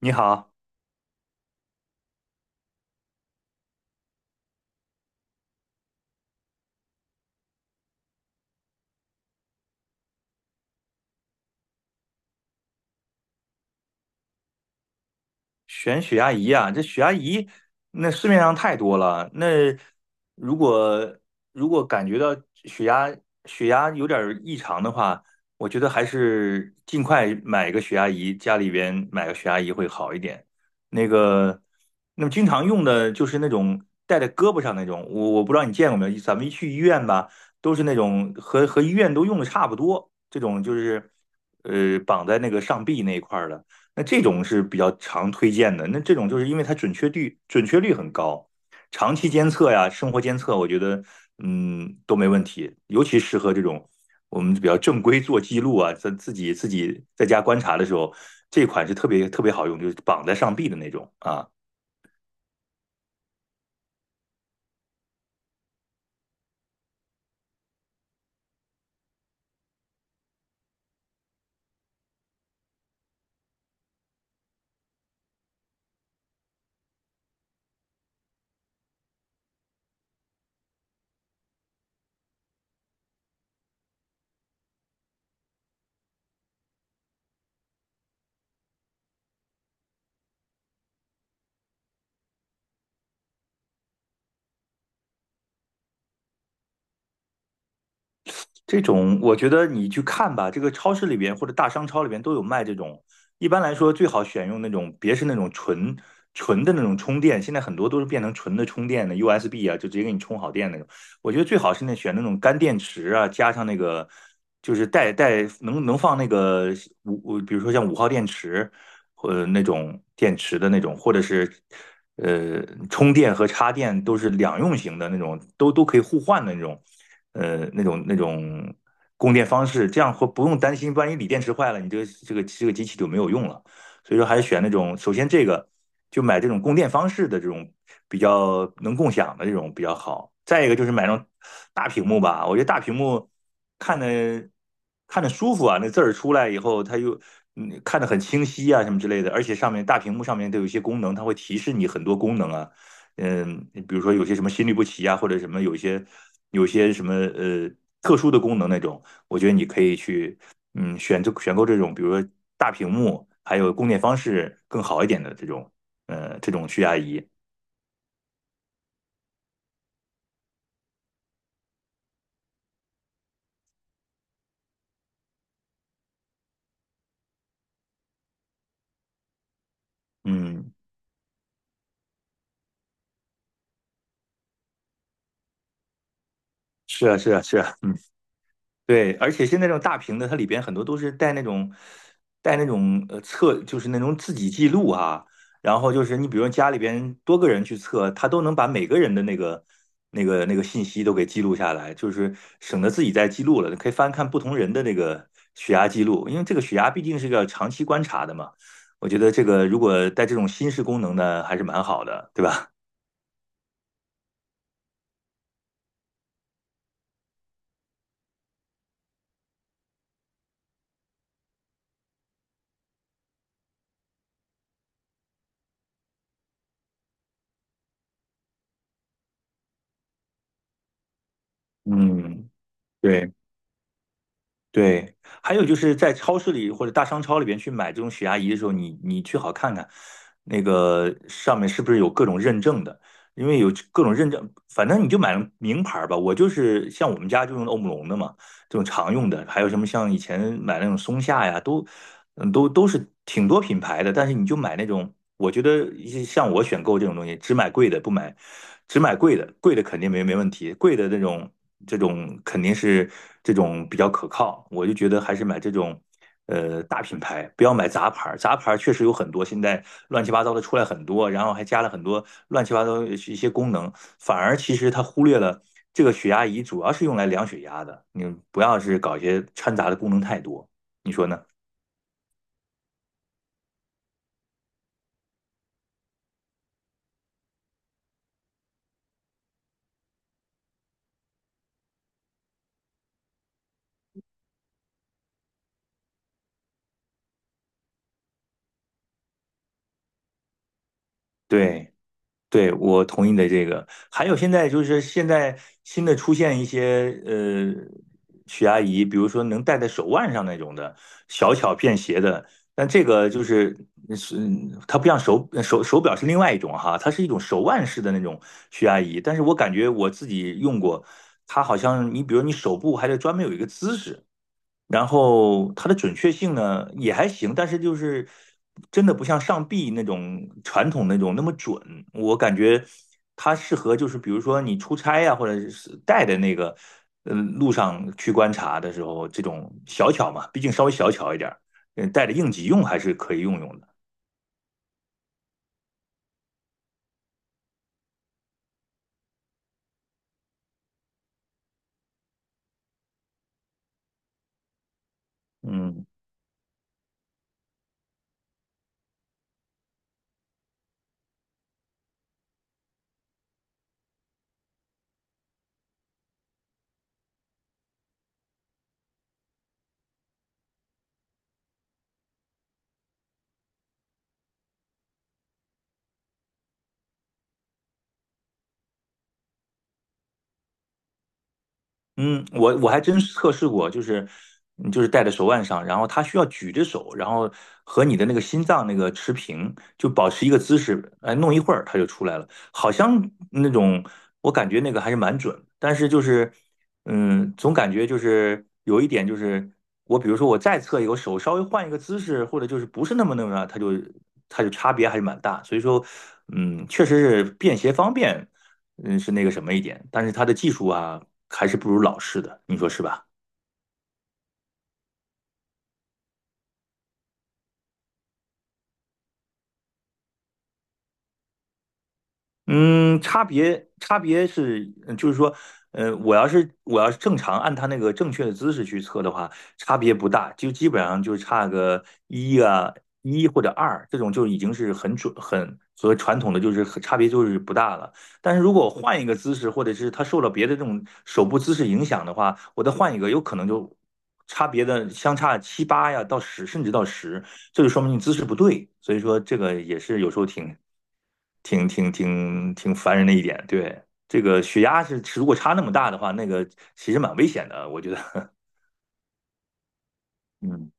你好，选血压仪啊，这血压仪那市面上太多了。那如果如果感觉到血压血压有点儿异常的话，我觉得还是尽快买个血压仪，家里边买个血压仪会好一点。那个，那么经常用的就是那种戴在胳膊上那种，我不知道你见过没有，咱们一去医院吧，都是那种和医院都用的差不多，这种就是绑在那个上臂那一块儿的。那这种是比较常推荐的。那这种就是因为它准确率很高，长期监测呀、生活监测，我觉得都没问题，尤其适合这种我们比较正规做记录啊，在自己在家观察的时候，这款是特别特别好用，就是绑在上臂的那种啊。这种我觉得你去看吧，这个超市里边或者大商超里边都有卖这种。一般来说，最好选用那种，别是那种纯的那种充电，现在很多都是变成纯的充电的 USB 啊，就直接给你充好电那种。我觉得最好是那选那种干电池啊，加上那个就是带能放那个比如说像五号电池，那种电池的那种，或者是充电和插电都是两用型的那种，都可以互换的那种。那种供电方式，这样会不用担心，万一锂电池坏了，你这个机器就没有用了。所以说还是选那种，首先这个就买这种供电方式的这种比较能共享的这种比较好。再一个就是买那种大屏幕吧，我觉得大屏幕看的看着舒服啊，那字儿出来以后，它又看得很清晰啊，什么之类的。而且上面大屏幕上面都有一些功能，它会提示你很多功能啊，比如说有些什么心律不齐呀，或者什么有些什么特殊的功能那种，我觉得你可以去选购这种，比如说大屏幕，还有供电方式更好一点的这种这种血压仪。嗯，是啊，是啊，是啊，嗯。对，而且现在这种大屏的，它里边很多都是带那种测，就是那种自己记录啊。然后就是你比如家里边多个人去测，它都能把每个人的那个信息都给记录下来，就是省得自己再记录了，可以翻看不同人的那个血压记录，因为这个血压毕竟是个长期观察的嘛。我觉得这个如果带这种新式功能呢，还是蛮好的，对吧？嗯，对。对，还有就是在超市里或者大商超里边去买这种血压仪的时候，你最好看看那个上面是不是有各种认证的，因为有各种认证，反正你就买名牌儿吧。我就是像我们家就用欧姆龙的嘛，这种常用的，还有什么像以前买那种松下呀，都嗯都都是挺多品牌的，但是你就买那种，我觉得一些像我选购这种东西，只买贵的，不买只买贵的，贵的肯定没问题，贵的那种这种肯定是这种比较可靠。我就觉得还是买这种大品牌，不要买杂牌儿。杂牌儿确实有很多，现在乱七八糟的出来很多，然后还加了很多乱七八糟的一些功能，反而其实它忽略了这个血压仪主要是用来量血压的。你不要是搞一些掺杂的功能太多，你说呢？对。对，我同意你的这个。还有现在就是现在新的出现一些血压仪，比如说能戴在手腕上那种的，小巧便携的。但这个就是是它不像手表是另外一种哈，它是一种手腕式的那种血压仪。但是我感觉我自己用过，它好像你比如你手部还得专门有一个姿势，然后它的准确性呢也还行，但是就是真的不像上臂那种传统那种那么准。我感觉它适合就是比如说你出差呀、或者是带的那个路上去观察的时候，这种小巧嘛，毕竟稍微小巧一点儿，带着应急用还是可以用用的。嗯嗯，我还真是测试过，就是就是戴在手腕上，然后它需要举着手，然后和你的那个心脏那个持平，就保持一个姿势，哎，弄一会儿它就出来了，好像那种我感觉那个还是蛮准，但是就是总感觉就是有一点就是我比如说我再测一个，我手稍微换一个姿势，或者就是不是那么它就差别还是蛮大，所以说确实是便携方便，是那个什么一点，但是他的技术啊，还是不如老式的，你说是吧？嗯，差别是，就是说，我要是正常按他那个正确的姿势去测的话，差别不大，就基本上就差个一啊一或者二，这种就已经是很准很和传统的就是很差别就是不大了。但是如果我换一个姿势，或者是他受了别的这种手部姿势影响的话，我再换一个，有可能就差别的相差七八呀到十，甚至到十。这就说明你姿势不对，所以说这个也是有时候挺烦人的一点。对，这个血压是如果差那么大的话，那个其实蛮危险的，我觉得。嗯，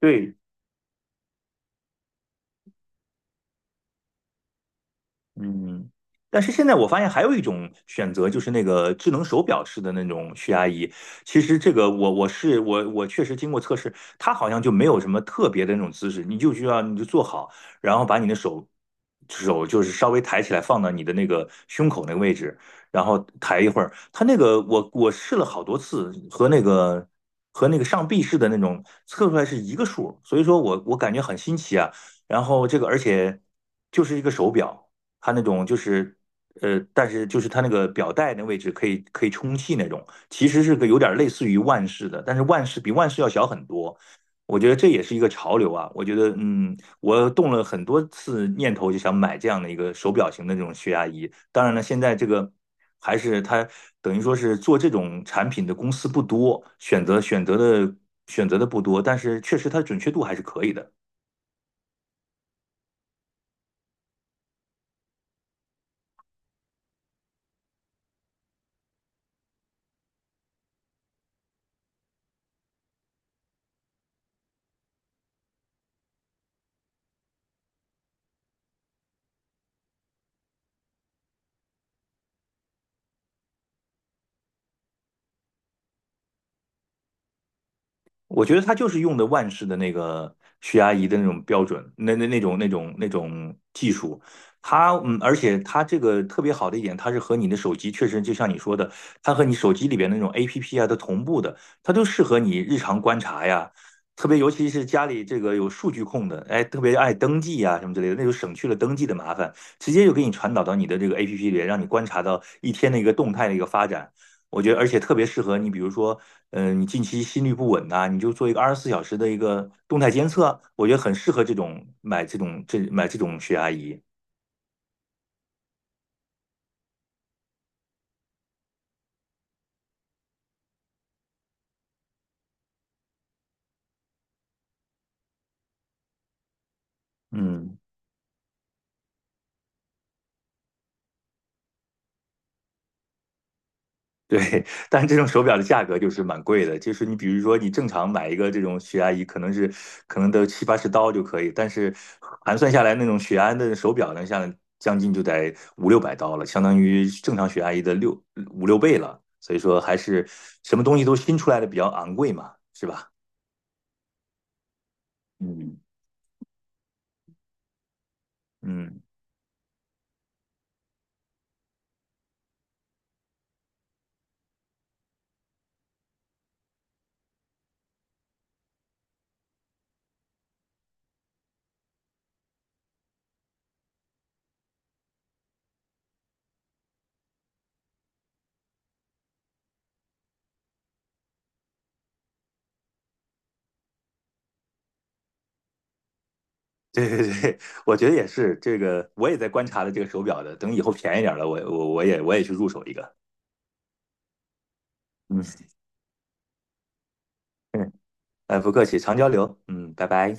对，嗯，但是现在我发现还有一种选择，就是那个智能手表式的那种血压仪。其实这个我我是我我确实经过测试，它好像就没有什么特别的那种姿势，你就需要你就坐好，然后把你的手就是稍微抬起来放到你的那个胸口那个位置，然后抬一会儿。它那个我试了好多次，和那个上臂式的那种测出来是一个数，所以说我感觉很新奇啊。然后这个而且就是一个手表。它那种就是但是就是它那个表带那位置可以充气那种，其实是个有点类似于万氏的，但是比万氏要小很多。我觉得这也是一个潮流啊！我觉得，我动了很多次念头，就想买这样的一个手表型的这种血压仪。当然了，现在这个还是它等于说是做这种产品的公司不多，选择的不多，但是确实它准确度还是可以的。我觉得他就是用的万氏的那个血压仪的那种标准，那种技术，它而且它这个特别好的一点，它是和你的手机确实就像你说的，它和你手机里边那种 APP 啊都同步的，它都适合你日常观察呀。特别尤其是家里这个有数据控的，哎，特别爱登记呀、什么之类的，那就省去了登记的麻烦，直接就给你传导到你的这个 APP 里，让你观察到一天的一个动态的一个发展。我觉得，而且特别适合你，比如说你近期心率不稳呐，你就做一个24小时的一个动态监测，我觉得很适合这种买这种这买这种血压仪。嗯，对，但是这种手表的价格就是蛮贵的，就是你比如说你正常买一个这种血压仪，可能得七八十刀就可以，但是盘算下来那种血压的手表呢，像将近就得五六百刀了，相当于正常血压仪的五六倍了，所以说还是什么东西都新出来的比较昂贵嘛，是吧？嗯嗯。对对对，我觉得也是，这个我也在观察的这个手表的，等以后便宜点儿了，我也去入手一个。嗯，嗯，哎，不客气，常交流。嗯，拜拜。